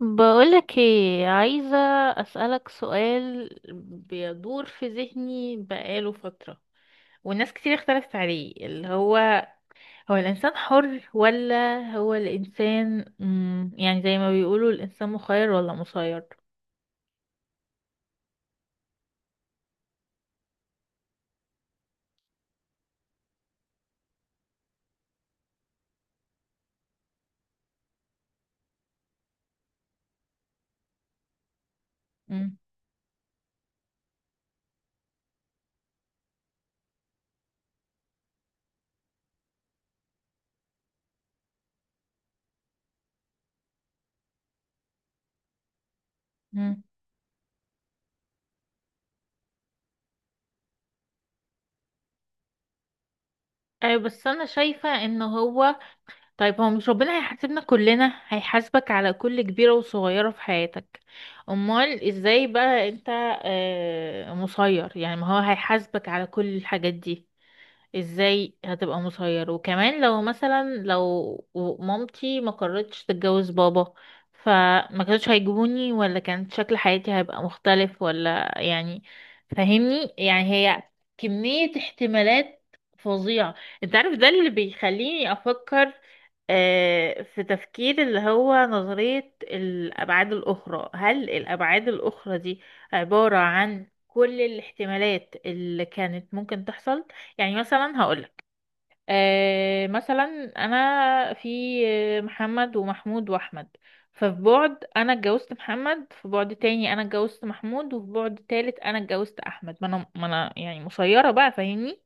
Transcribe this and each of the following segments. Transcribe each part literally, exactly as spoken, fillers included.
بقولك ايه عايزة، أسألك سؤال بيدور في ذهني بقاله فترة، والناس كتير اختلفت عليه، اللي هو هو الإنسان حر ولا هو الإنسان، مم يعني زي ما بيقولوا الإنسان مخير ولا مسير؟ مم. مم. أيوة، بس أنا شايفة إن هو، طيب هو مش ربنا هيحاسبنا كلنا؟ هيحاسبك على كل كبيرة وصغيرة في حياتك. أمال إزاي بقى أنت آه، مسير؟ يعني ما هو هيحاسبك على كل الحاجات دي. ازاي هتبقى مسير؟ وكمان لو مثلا لو مامتي ما قررتش تتجوز بابا، فما كانوش هيجيبوني، ولا كان شكل حياتي هيبقى مختلف، ولا يعني فاهمني؟ يعني هي كمية احتمالات فظيعة. انت عارف ده اللي بيخليني افكر آه، في تفكير اللي هو نظرية الأبعاد الأخرى. هل الأبعاد الأخرى دي عبارة عن كل الاحتمالات اللي كانت ممكن تحصل؟ يعني مثلا هقولك، آه مثلا انا في آه، محمد ومحمود واحمد، ففي بعد انا اتجوزت محمد، في بعد تاني انا اتجوزت محمود، وفي بعد تالت انا اتجوزت احمد. ما انا ما انا يعني مسيرة بقى، فاهمني؟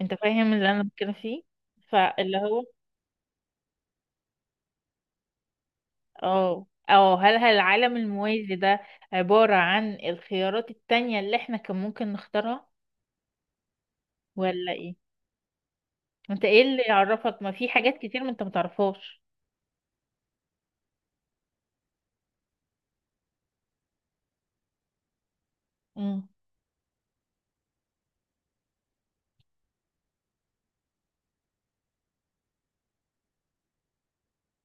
انت فاهم اللي انا بتكلم فيه؟ فاللي هو اه اه هل هل العالم الموازي ده عبارة عن الخيارات التانية اللي احنا كان ممكن نختارها، ولا ايه؟ انت ايه اللي يعرفك؟ ما في حاجات كتير ما انت متعرفهاش. مم.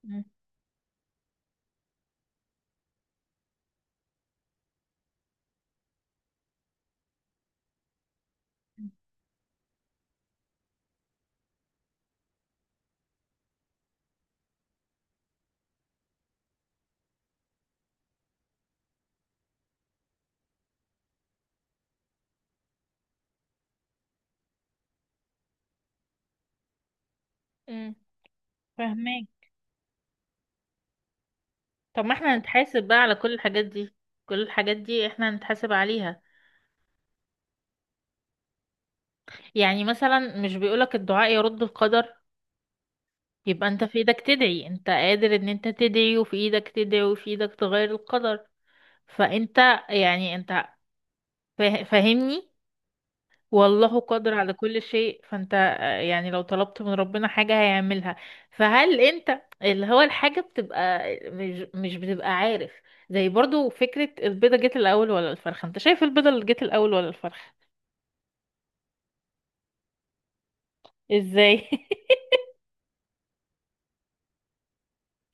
مم. مم. فاهمين؟ طب ما احنا نتحاسب بقى على كل الحاجات دي، كل الحاجات دي احنا نتحاسب عليها. يعني مثلا مش بيقولك الدعاء يرد القدر؟ يبقى انت في ايدك تدعي، انت قادر ان انت تدعي، وفي ايدك تدعي، وفي ايدك تغير القدر. فانت يعني انت فا- فاهمني؟ والله قادر على كل شيء. فانت آه، يعني لو طلبت من ربنا حاجة هيعملها. فهل انت اللي هو الحاجة بتبقى مش, مش بتبقى عارف؟ زي برضو فكرة البيضة جت الأول ولا الفرخة، انت شايف البيضة اللي جت الأول ولا الفرخة؟ ازاي؟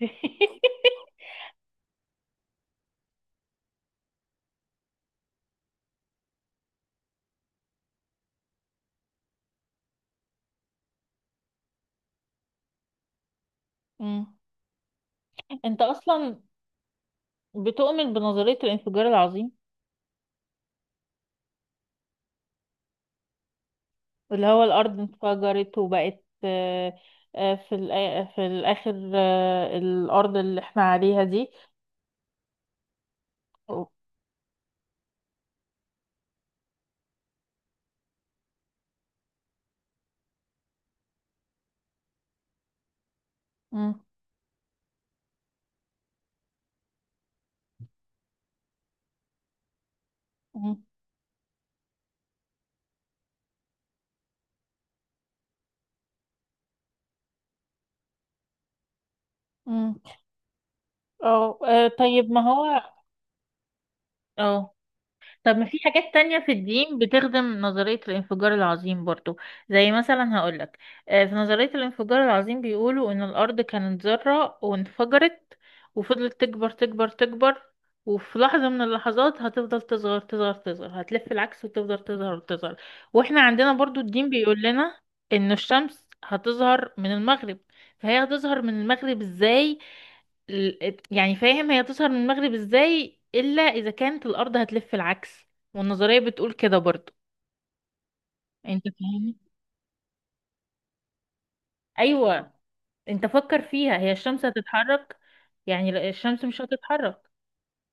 مم. انت اصلا بتؤمن بنظرية الانفجار العظيم؟ اللي هو الأرض انفجرت وبقت، آه، آه، في الآ- في الآخر آه، الأرض اللي احنا عليها دي. مم. مم. اه آه، طيب ما هو، اه طب ما في حاجات تانية في الدين بتخدم نظرية الانفجار العظيم برضو؟ زي مثلا هقولك، آه، في نظرية الانفجار العظيم بيقولوا ان الارض كانت ذرة وانفجرت، وفضلت تكبر تكبر تكبر، وفي لحظة من اللحظات هتفضل تصغر تصغر تصغر، هتلف العكس وتفضل تظهر وتظهر. واحنا عندنا برضو الدين بيقول لنا ان الشمس هتظهر من المغرب. فهي هتظهر من المغرب ازاي؟ ال- يعني فاهم، هي تظهر من المغرب ازاي الا اذا كانت الارض هتلف العكس؟ والنظريه بتقول كده برضو. انت فاهمني؟ ايوه. انت فكر فيها، هي الشمس هتتحرك؟ يعني لا، الشمس مش هتتحرك.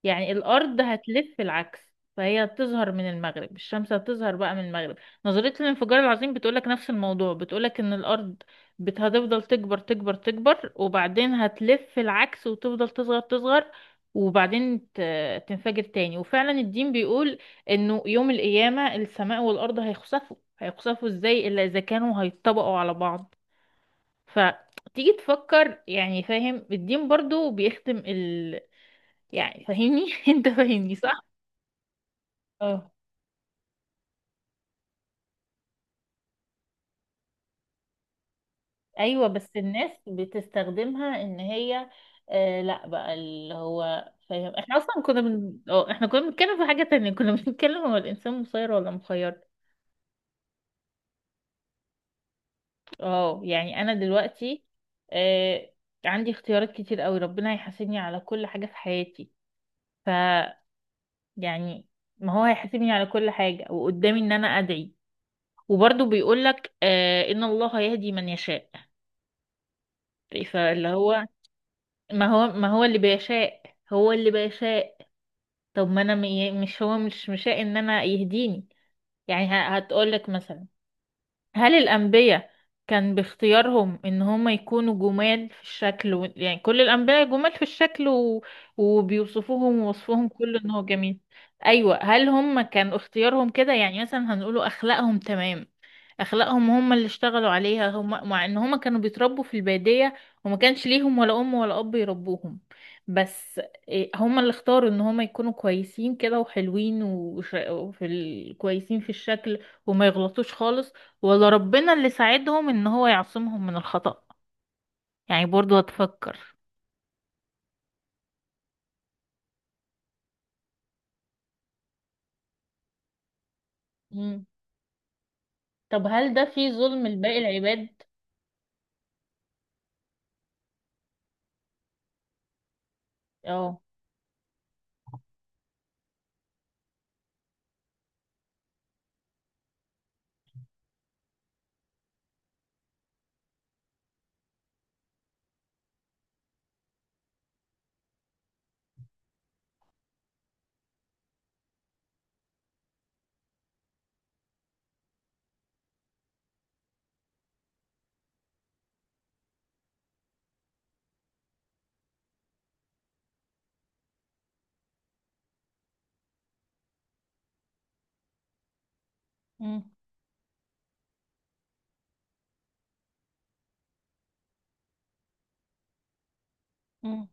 يعني الأرض هتلف العكس، فهي هتظهر من المغرب، الشمس هتظهر بقى من المغرب. نظرية الانفجار العظيم بتقولك نفس الموضوع، بتقولك إن الأرض بت- هتفضل تكبر تكبر تكبر، وبعدين هتلف العكس وتفضل تصغر تصغر، وبعدين ت- تنفجر تاني. وفعلا الدين بيقول إنه يوم القيامة السماء والأرض هيخسفوا، هيخسفوا إزاي إلا إذا كانوا هيتطبقوا على بعض؟ فتيجي تفكر، يعني فاهم، الدين برضو بيخدم ال... يعني فاهمني؟ انت فاهمني؟ اه. ايوه، بس الناس بتستخدمها ان هي آه لا بقى، اللي هو فاهم، احنا اصلا كنا بن... اه احنا كنا بنتكلم في حاجة تانية كنا بنتكلم، هو الانسان مسير ولا مخير؟ اه يعني انا دلوقتي آه عندي اختيارات كتير قوي، ربنا هيحاسبني على كل حاجة في حياتي. ف يعني ما هو هيحاسبني على كل حاجة، وقدامي ان انا ادعي. وبرضه بيقولك آه ان الله يهدي من يشاء. فاللي هو ما هو ما هو اللي بيشاء، هو اللي بيشاء. طب ما انا م- مش هو مش مشاء ان انا يهديني؟ يعني هتقول لك مثلا هل الأنبياء كان باختيارهم إن هم يكونوا جمال في الشكل و... يعني كل الأنبياء جمال في الشكل و... وبيوصفوهم ووصفهم كله إن هو جميل. أيوة، هل هم كان اختيارهم كده؟ يعني مثلا هنقوله أخلاقهم تمام، أخلاقهم هم اللي اشتغلوا عليها هم، مع إن هم كانوا بيتربوا في البادية وما كانش ليهم ولا أم ولا أب يربوهم. بس إيه، هم اللي اختاروا إن هم يكونوا كويسين كده وحلوين وش... وفي ال... كويسين في الشكل وما يغلطوش خالص؟ ولا ربنا اللي ساعدهم ان هو يعصمهم من الخطأ؟ يعني برضو هتفكر. مم. طب هل ده فيه ظلم لباقي العباد؟ اه. مم. مم.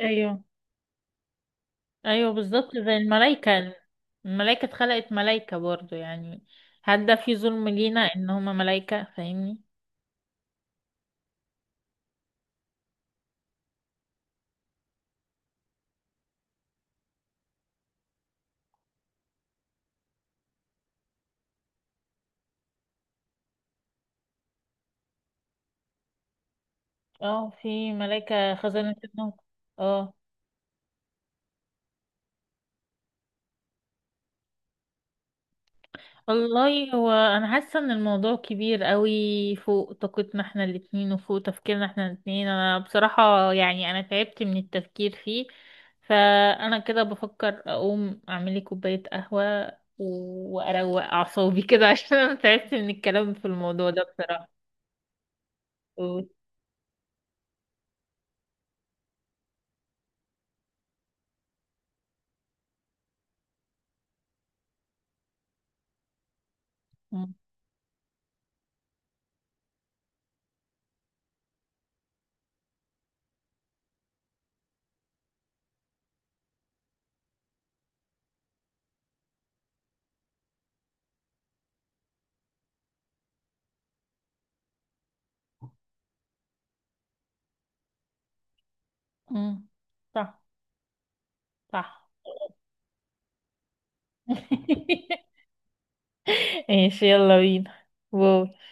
ايوه، ايوه بالظبط زي الملايكة، الملايكة اتخلقت ملايكة برضو، يعني هل ده فيه ظلم لينا ان هما ملايكة؟ فاهمني؟ اه، في ملايكة خزنة النار. اه. والله، هو انا حاسه ان الموضوع كبير قوي فوق طاقتنا احنا الاتنين، وفوق تفكيرنا احنا الاتنين. انا بصراحه يعني انا تعبت من التفكير فيه. فانا كده بفكر اقوم اعمل لي كوبايه قهوه و- واروق اعصابي كده عشان انا تعبت من الكلام في الموضوع ده بصراحه. و- م- م. صح. صح. ماشي، يلا بينا. باي.